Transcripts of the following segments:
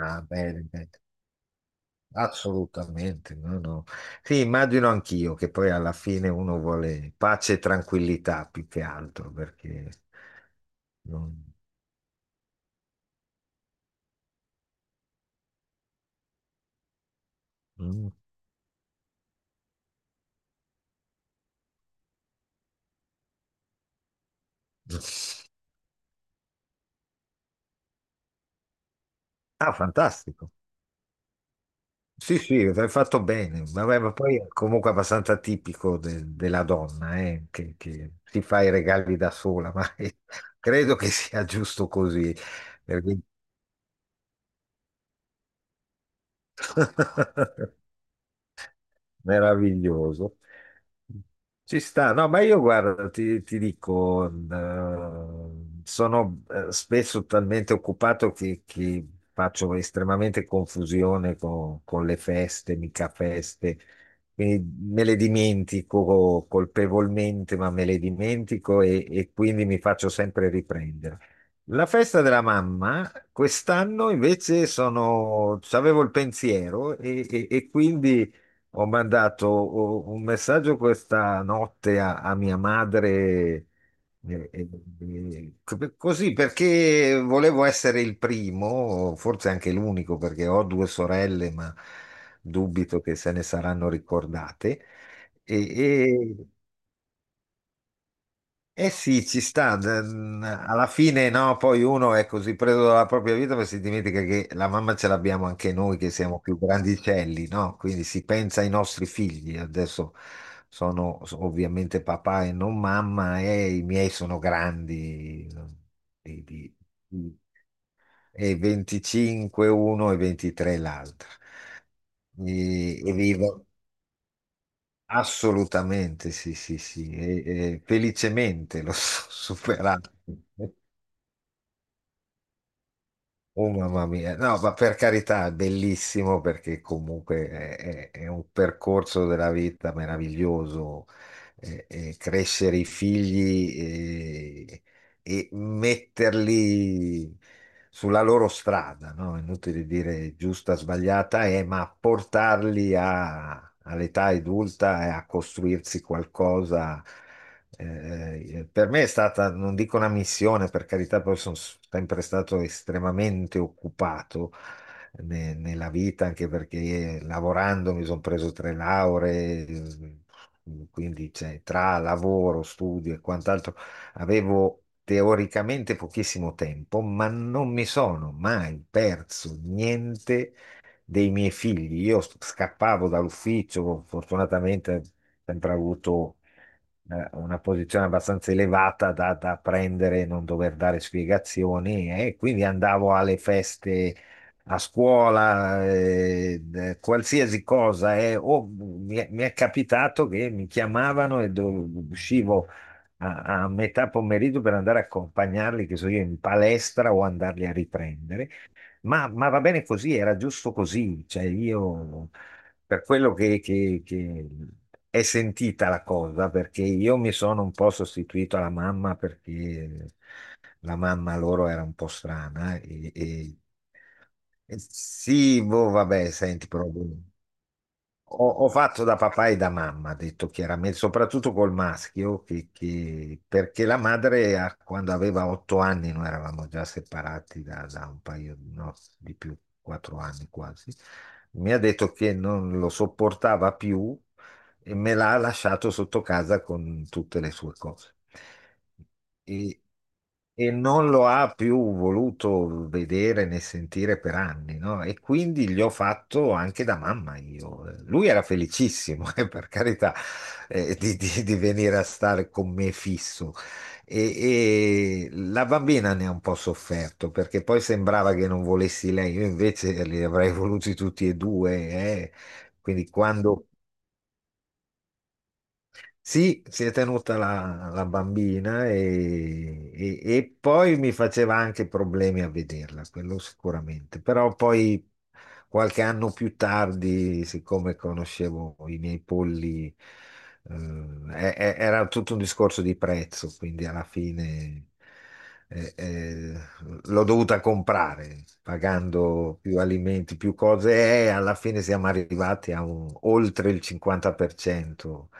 Ah, bene, bene. Assolutamente, no, no. Sì, immagino anch'io che poi alla fine uno vuole pace e tranquillità più che altro, perché non- mm. Ah, fantastico. Sì, sì, hai fatto bene. Vabbè, ma poi è comunque abbastanza tipico della donna, che si fa i regali da sola, ma credo che sia giusto così. perché- Meraviglioso. Ci sta, no, ma io guarda, ti dico, sono spesso talmente occupato che faccio estremamente confusione con le feste, mica feste, quindi me le dimentico colpevolmente, ma me le dimentico e quindi mi faccio sempre riprendere. La festa della mamma, quest'anno invece avevo il pensiero e quindi... Ho mandato oh, un messaggio questa notte a mia madre, eh, eh, così perché volevo essere il primo, forse anche l'unico, perché ho due sorelle, ma dubito che se ne saranno ricordate. E, Mm. Eh sì, ci sta. Alla fine no, poi uno è così preso dalla propria vita perché si dimentica che la mamma ce l'abbiamo anche noi che siamo più grandicelli, no? Quindi si pensa ai nostri figli. Adesso sono ovviamente papà e non mamma e i miei sono grandi, no? di, di- di- e 25 uno e 23 l'altro. E vivo. Assolutamente, sì, sì, sì, e felicemente l'ho superato. Oh mamma mia, no, ma per carità, è bellissimo perché comunque è un percorso della vita meraviglioso, e crescere i figli e metterli sulla loro strada, no? Inutile dire giusta, sbagliata, ma portarli all'età adulta e a costruirsi qualcosa per me è stata, non dico una missione, per carità, poi sono sempre stato estremamente occupato nella vita, anche perché lavorando mi sono preso tre lauree, quindi cioè, tra lavoro, studio e quant'altro avevo teoricamente pochissimo tempo, ma non mi sono mai perso niente dei miei figli. Io scappavo dall'ufficio, fortunatamente sempre avuto una posizione abbastanza elevata da prendere e non dover dare spiegazioni e quindi andavo alle feste a scuola, qualsiasi cosa, o mi è capitato che mi chiamavano e uscivo a metà pomeriggio per andare a accompagnarli, che so io, in palestra o andarli a riprendere. Ma va bene così, era giusto così, cioè io per quello che è sentita la cosa, perché io mi sono un po' sostituito alla mamma perché la mamma loro era un po' strana e sì, boh, vabbè, senti, però boh. Ho fatto da papà e da mamma, detto chiaramente, soprattutto col maschio, perché la madre quando aveva 8 anni, noi eravamo già separati da un paio, no, di più, 4 anni quasi, mi ha detto che non lo sopportava più e me l'ha lasciato sotto casa con tutte le sue cose e, e non lo ha più voluto vedere né sentire per anni, no? E quindi gli ho fatto anche da mamma io. Lui era felicissimo, per carità, di venire a stare con me fisso. E la bambina ne ha un po' sofferto perché poi sembrava che non volessi lei, io invece li avrei voluti tutti e due, eh. Quindi quando sì, si è tenuta la bambina e poi mi faceva anche problemi a vederla, quello sicuramente, però poi qualche anno più tardi, siccome conoscevo i miei polli, eh, era tutto un discorso di prezzo, quindi alla fine eh, eh, l'ho dovuta comprare, pagando più alimenti, più cose e alla fine siamo arrivati a oltre il 50%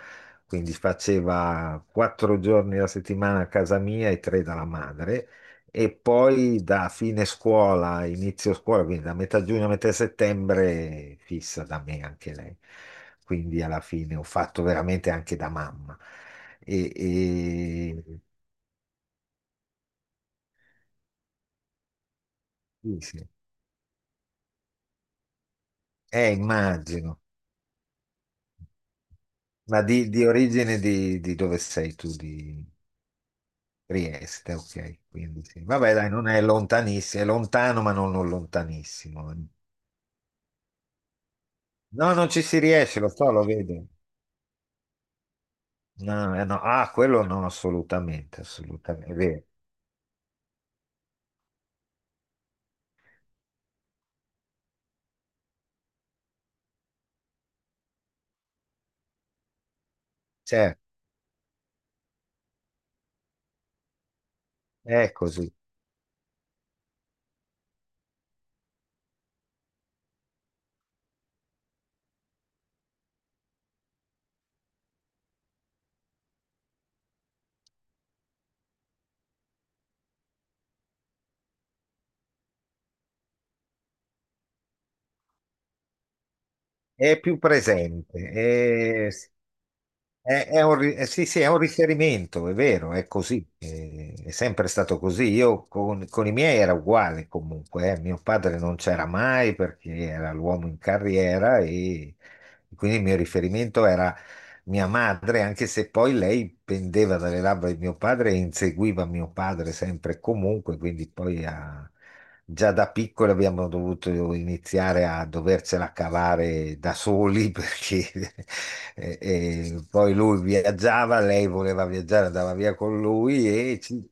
quindi faceva 4 giorni alla settimana a casa mia e tre dalla madre. E poi da fine scuola, inizio scuola, quindi da metà giugno a metà settembre, fissa da me anche lei. Quindi alla fine ho fatto veramente anche da mamma. E, e- sì, sì. Immagino. Ma di origine di dove sei tu? Di Trieste, ok. Quindi sì. Vabbè, dai, non è lontanissimo, è lontano, ma non, non lontanissimo. No, non ci si riesce, lo so, lo vedo. No, no. Ah, quello no, assolutamente, assolutamente, è vero. Cioè, è così, è più presente, È, sì, sì, è un riferimento, è vero, è così, è, sempre stato così. Io con i miei era uguale comunque, eh. Mio padre non c'era mai perché era l'uomo in carriera e quindi il mio riferimento era mia madre, anche se poi lei pendeva dalle labbra di mio padre e inseguiva mio padre sempre e comunque, quindi poi ha, già da piccoli abbiamo dovuto iniziare a dovercela cavare da soli perché poi lui viaggiava, lei voleva viaggiare, andava via con lui e ci,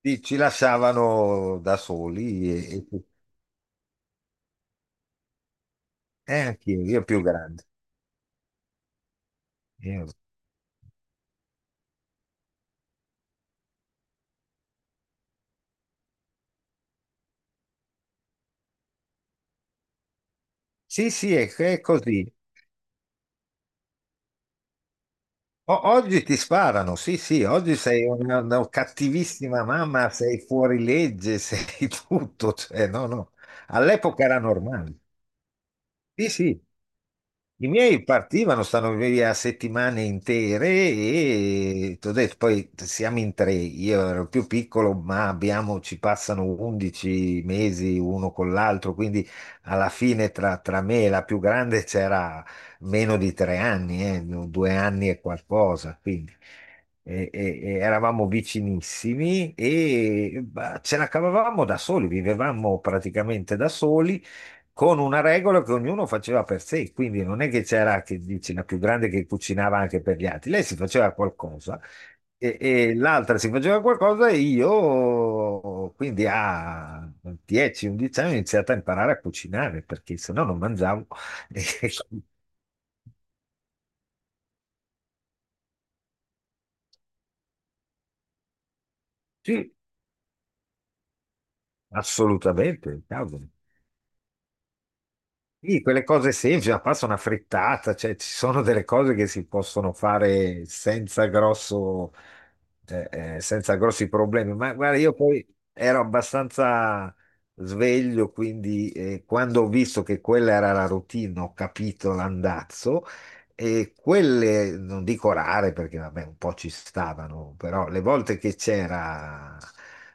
ci- ci lasciavano da soli. Anch'io, io più grande. Io- Sì, sì, è così. Oggi ti sparano, sì, sì, oggi sei una cattivissima mamma, sei fuori legge, sei tutto, cioè, no, no. All'epoca era normale. Sì, sì. I miei partivano, stanno via settimane intere e t'ho detto, poi siamo in tre, io ero più piccolo, ma ci passano 11 mesi uno con l'altro, quindi alla fine tra me e la più grande c'era meno di 3 anni, no, 2 anni e qualcosa, quindi e eravamo vicinissimi e bah, ce la cavavamo da soli, vivevamo praticamente da soli con una regola che ognuno faceva per sé, quindi non è che c'era, che dici, la più grande che cucinava anche per gli altri, lei si faceva qualcosa e l'altra si faceva qualcosa e io, quindi a 10-11 anni ho iniziato a imparare a cucinare perché se no non mangiavo. E- S- Sì, assolutamente, cavolo. Sì, quelle cose semplici, ma passa una frittata, cioè ci sono delle cose che si possono fare senza grosso, eh, senza grossi problemi. Ma guarda, io poi ero abbastanza sveglio, quindi quando ho visto che quella era la routine, ho capito l'andazzo e quelle, non dico rare perché vabbè, un po' ci stavano, però le volte che c'era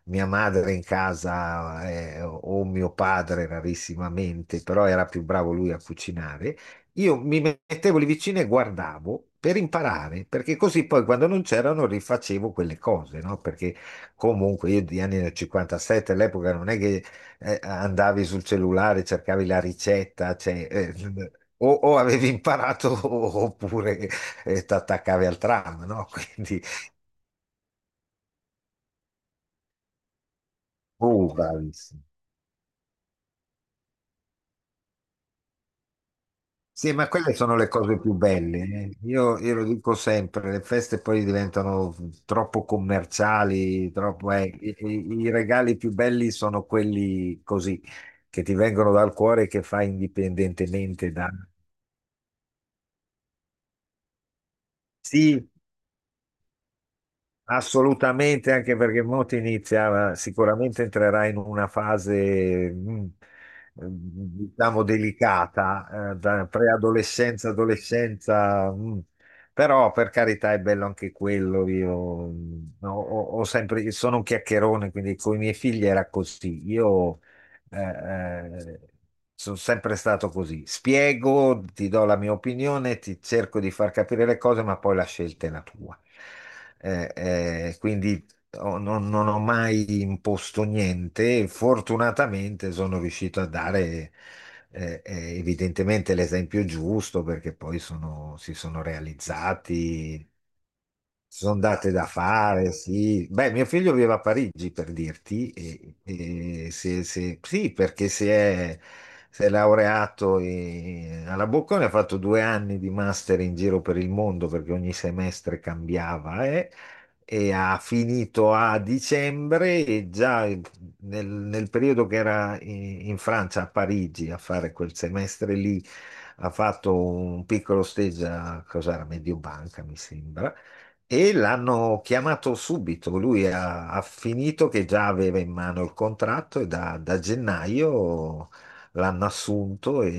mia madre in casa o mio padre rarissimamente, però era più bravo lui a cucinare, io mi mettevo lì vicino e guardavo per imparare, perché così poi quando non c'erano rifacevo quelle cose, no? Perché comunque io di anni del '57 all'epoca non è che andavi sul cellulare, cercavi la ricetta, cioè, o avevi imparato oppure ti attaccavi al tram, no? Quindi, oh, bravissimo. Sì, ma quelle sono le cose più belle. Eh. Io lo dico sempre, le feste poi diventano troppo commerciali, troppo, i regali più belli sono quelli così, che ti vengono dal cuore e che fai indipendentemente da... Sì, assolutamente, anche perché Monti inizia, sicuramente entrerà in una fase, mm, diciamo, delicata, da preadolescenza, adolescenza, Però per carità è bello anche quello. Io ho sempre, sono un chiacchierone, quindi con i miei figli era così. Io eh, eh, sono sempre stato così. Spiego, ti do la mia opinione, ti cerco di far capire le cose, ma poi la scelta è la tua. Quindi non ho mai imposto niente. E fortunatamente sono riuscito a dare evidentemente l'esempio giusto perché poi si sono realizzati sono date da fare, sì. Beh, mio figlio vive a Parigi per dirti, e sì, perché si è laureato alla Bocconi, ha fatto due anni di master in giro per il mondo perché ogni semestre cambiava, e ha finito a dicembre e già nel periodo che era in Francia, a Parigi, a fare quel semestre lì ha fatto un piccolo stage a cos'era, Mediobanca, mi sembra, e l'hanno chiamato subito, ha finito che già aveva in mano il contratto e da gennaio l'hanno assunto e